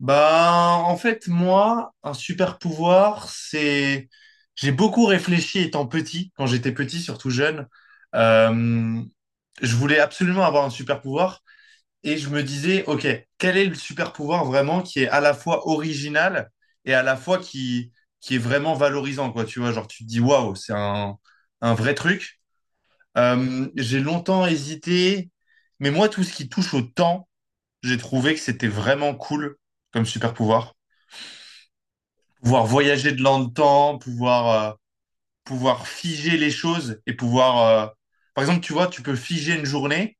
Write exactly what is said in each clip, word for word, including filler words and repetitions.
Bah, en fait, moi, un super pouvoir, c'est... J'ai beaucoup réfléchi étant petit, quand j'étais petit, surtout jeune. Euh, je voulais absolument avoir un super pouvoir et je me disais, OK, quel est le super pouvoir vraiment qui est à la fois original et à la fois qui, qui est vraiment valorisant, quoi. Tu vois, genre, tu te dis, waouh, c'est un, un vrai truc. Euh, j'ai longtemps hésité, mais moi, tout ce qui touche au temps, j'ai trouvé que c'était vraiment cool comme super pouvoir, pouvoir voyager de dans le temps, pouvoir, euh, pouvoir figer les choses et pouvoir... euh, Par exemple, tu vois, tu peux figer une journée,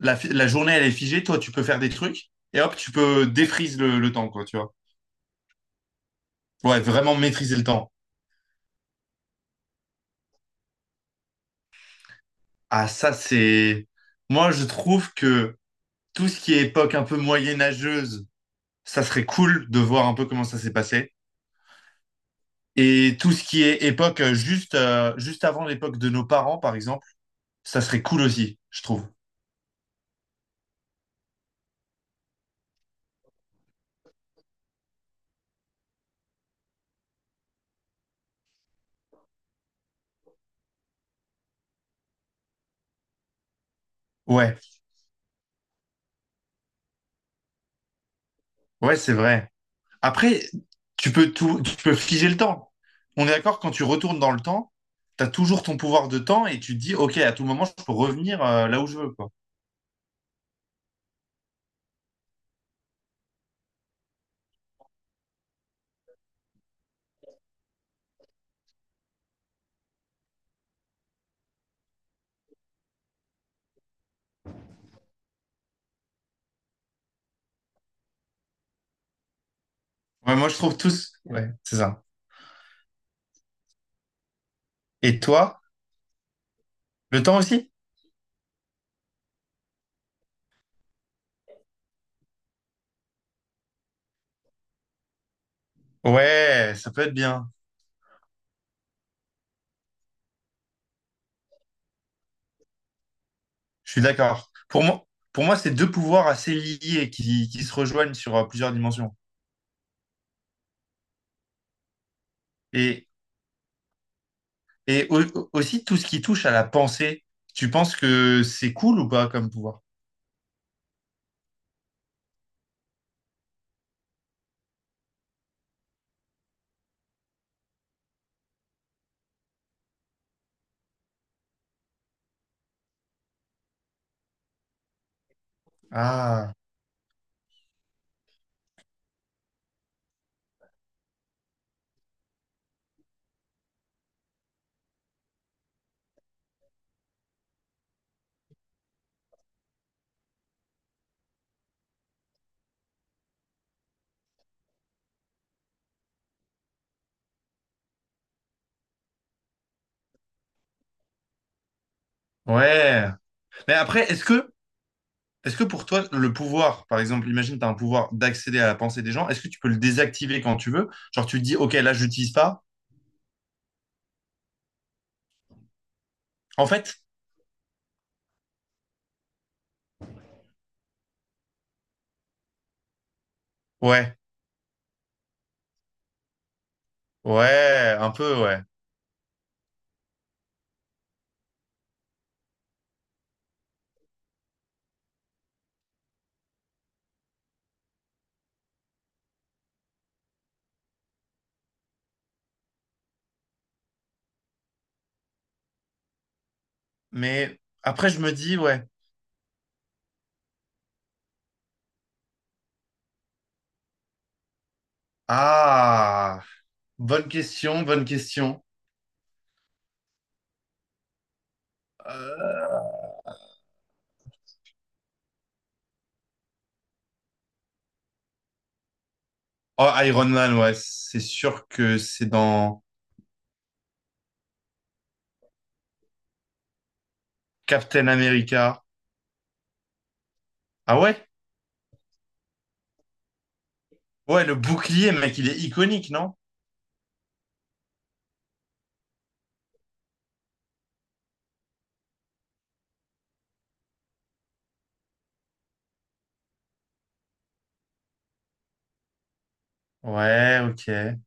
la, fi- la journée elle est figée, toi tu peux faire des trucs et hop, tu peux défrise le, le temps, quoi, tu vois. Ouais, vraiment maîtriser le temps. Ah, ça c'est... Moi je trouve que tout ce qui est époque un peu moyenâgeuse, ça serait cool de voir un peu comment ça s'est passé. Et tout ce qui est époque euh, juste, euh, juste avant l'époque de nos parents, par exemple, ça serait cool aussi, je trouve. Ouais, ouais, c'est vrai. Après, tu peux tout, tu peux figer le temps. On est d'accord, quand tu retournes dans le temps, tu as toujours ton pouvoir de temps et tu te dis, OK, à tout moment, je peux revenir euh, là où je veux, quoi. Ouais, moi, je trouve tous. Ouais, c'est ça. Et toi, le temps aussi? Ouais, ça peut être bien. Je suis d'accord. Pour moi, pour moi, c'est deux pouvoirs assez liés qui, qui se rejoignent sur euh, plusieurs dimensions. Et, et au- aussi, tout ce qui touche à la pensée, tu penses que c'est cool ou pas comme pouvoir? Ah, ouais. Mais après, est-ce que est-ce que pour toi, le pouvoir, par exemple, imagine tu as un pouvoir d'accéder à la pensée des gens, est-ce que tu peux le désactiver quand tu veux? Genre tu te dis, ok, là, je l'utilise pas. En fait, ouais, ouais, un peu, ouais. Mais après, je me dis, ouais, ah, bonne question, bonne question. Euh, Oh, Iron Man, ouais, c'est sûr que c'est dans Captain America. Ah ouais? Ouais, le bouclier, mec, il est iconique, non? Ouais, ok.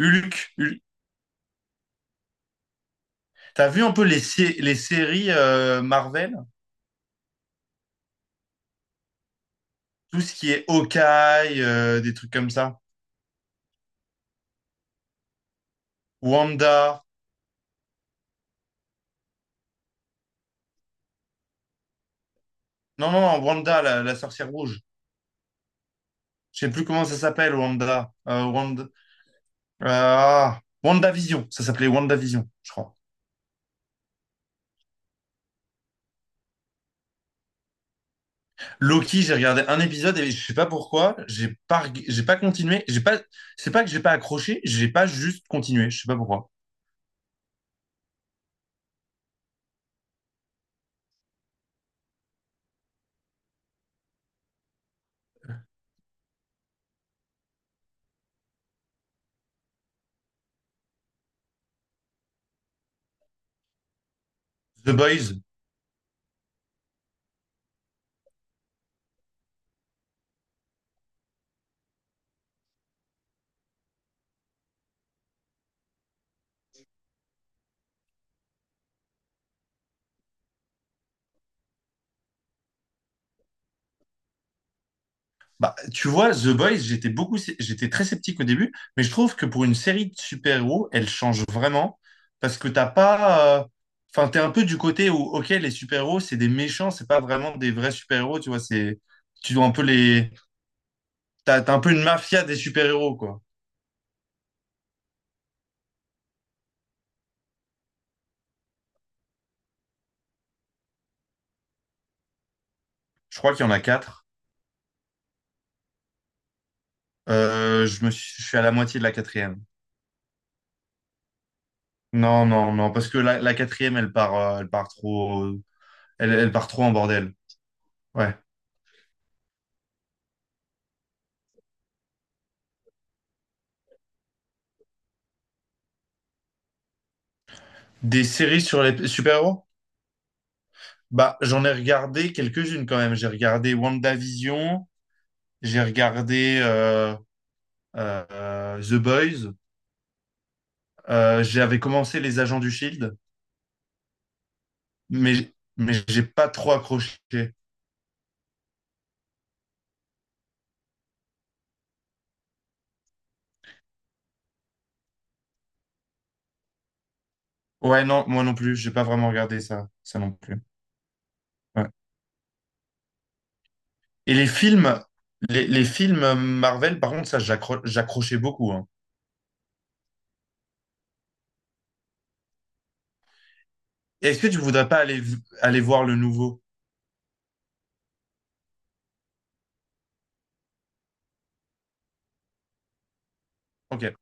Hulk, Hulk. T'as vu un peu les, sé- les séries euh, Marvel? Tout ce qui est Hawkeye, euh, des trucs comme ça. Wanda. Non, non, non, Wanda, la, la sorcière rouge. Je sais plus comment ça s'appelle, Wanda. Euh, Wanda. euh, Ah, WandaVision. Ça s'appelait WandaVision, je crois. Loki, j'ai regardé un épisode et je sais pas pourquoi. J'ai pas, reg- j'ai pas continué. J'ai pas, c'est pas que j'ai pas accroché. J'ai pas juste continué. Je sais pas pourquoi. The Boys. Bah, tu vois, The Boys, j'étais beaucoup, sé- j'étais très sceptique au début, mais je trouve que pour une série de super-héros, elle change vraiment parce que t'as pas, euh, enfin, t'es un peu du côté où, ok, les super-héros, c'est des méchants, c'est pas vraiment des vrais super-héros, tu vois, c'est, tu dois un peu les, t'as, t'as un peu une mafia des super-héros, quoi. Je crois qu'il y en a quatre. Euh, je me suis, je suis à la moitié de la quatrième. Non, non, non, parce que la, la quatrième, elle part, euh, elle part trop, elle, elle part trop en bordel. Ouais. Des séries sur les super-héros? Bah, j'en ai regardé quelques-unes quand même. J'ai regardé WandaVision, j'ai regardé euh, euh, The Boys, euh, j'avais commencé Les Agents du Shield, mais mais j'ai pas trop accroché. Ouais, non, moi non plus, j'ai pas vraiment regardé ça, ça non plus. Ouais. Et les films, les, les films Marvel, par contre, ça j'accro- j'accrochais beaucoup, hein. Est-ce que tu voudrais pas aller v- aller voir le nouveau? Ok.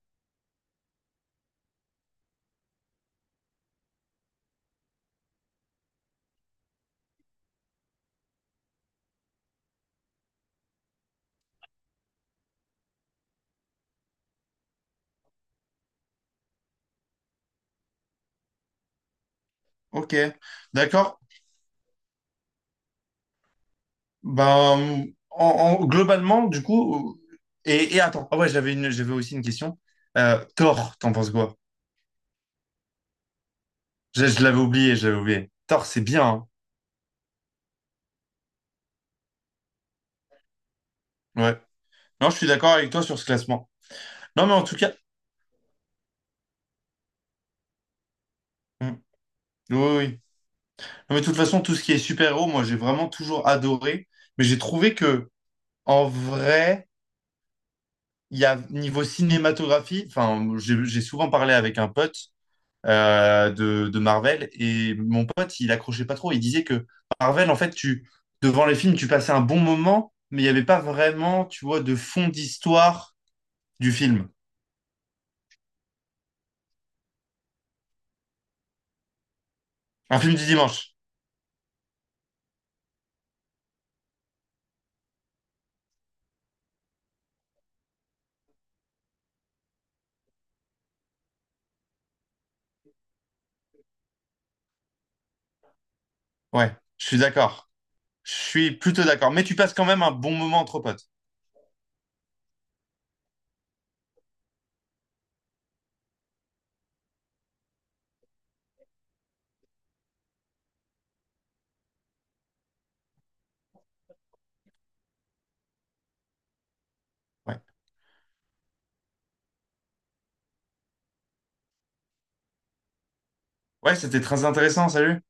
Ok, d'accord. Ben, en, en- globalement, du coup, et, et attends, ah ouais, j'avais une, j'avais aussi une question. Euh, Thor, t'en penses quoi? Je, je l'avais oublié, j'avais oublié. Thor, c'est bien, hein. Ouais. Non, je suis d'accord avec toi sur ce classement. Non, mais en tout cas, hmm, oui, oui, oui. Non, mais de toute façon, tout ce qui est super-héros, moi, j'ai vraiment toujours adoré. Mais j'ai trouvé que, en vrai, il y a niveau cinématographie, enfin, j'ai j'ai souvent parlé avec un pote euh, de, de Marvel. Et mon pote, il accrochait pas trop. Il disait que Marvel, en fait, tu, devant les films, tu passais un bon moment, mais il n'y avait pas vraiment, tu vois, de fond d'histoire du film. Un film du dimanche. Ouais, je suis d'accord. Je suis plutôt d'accord. Mais tu passes quand même un bon moment entre potes. Ouais, ouais, c'était très intéressant. Salut.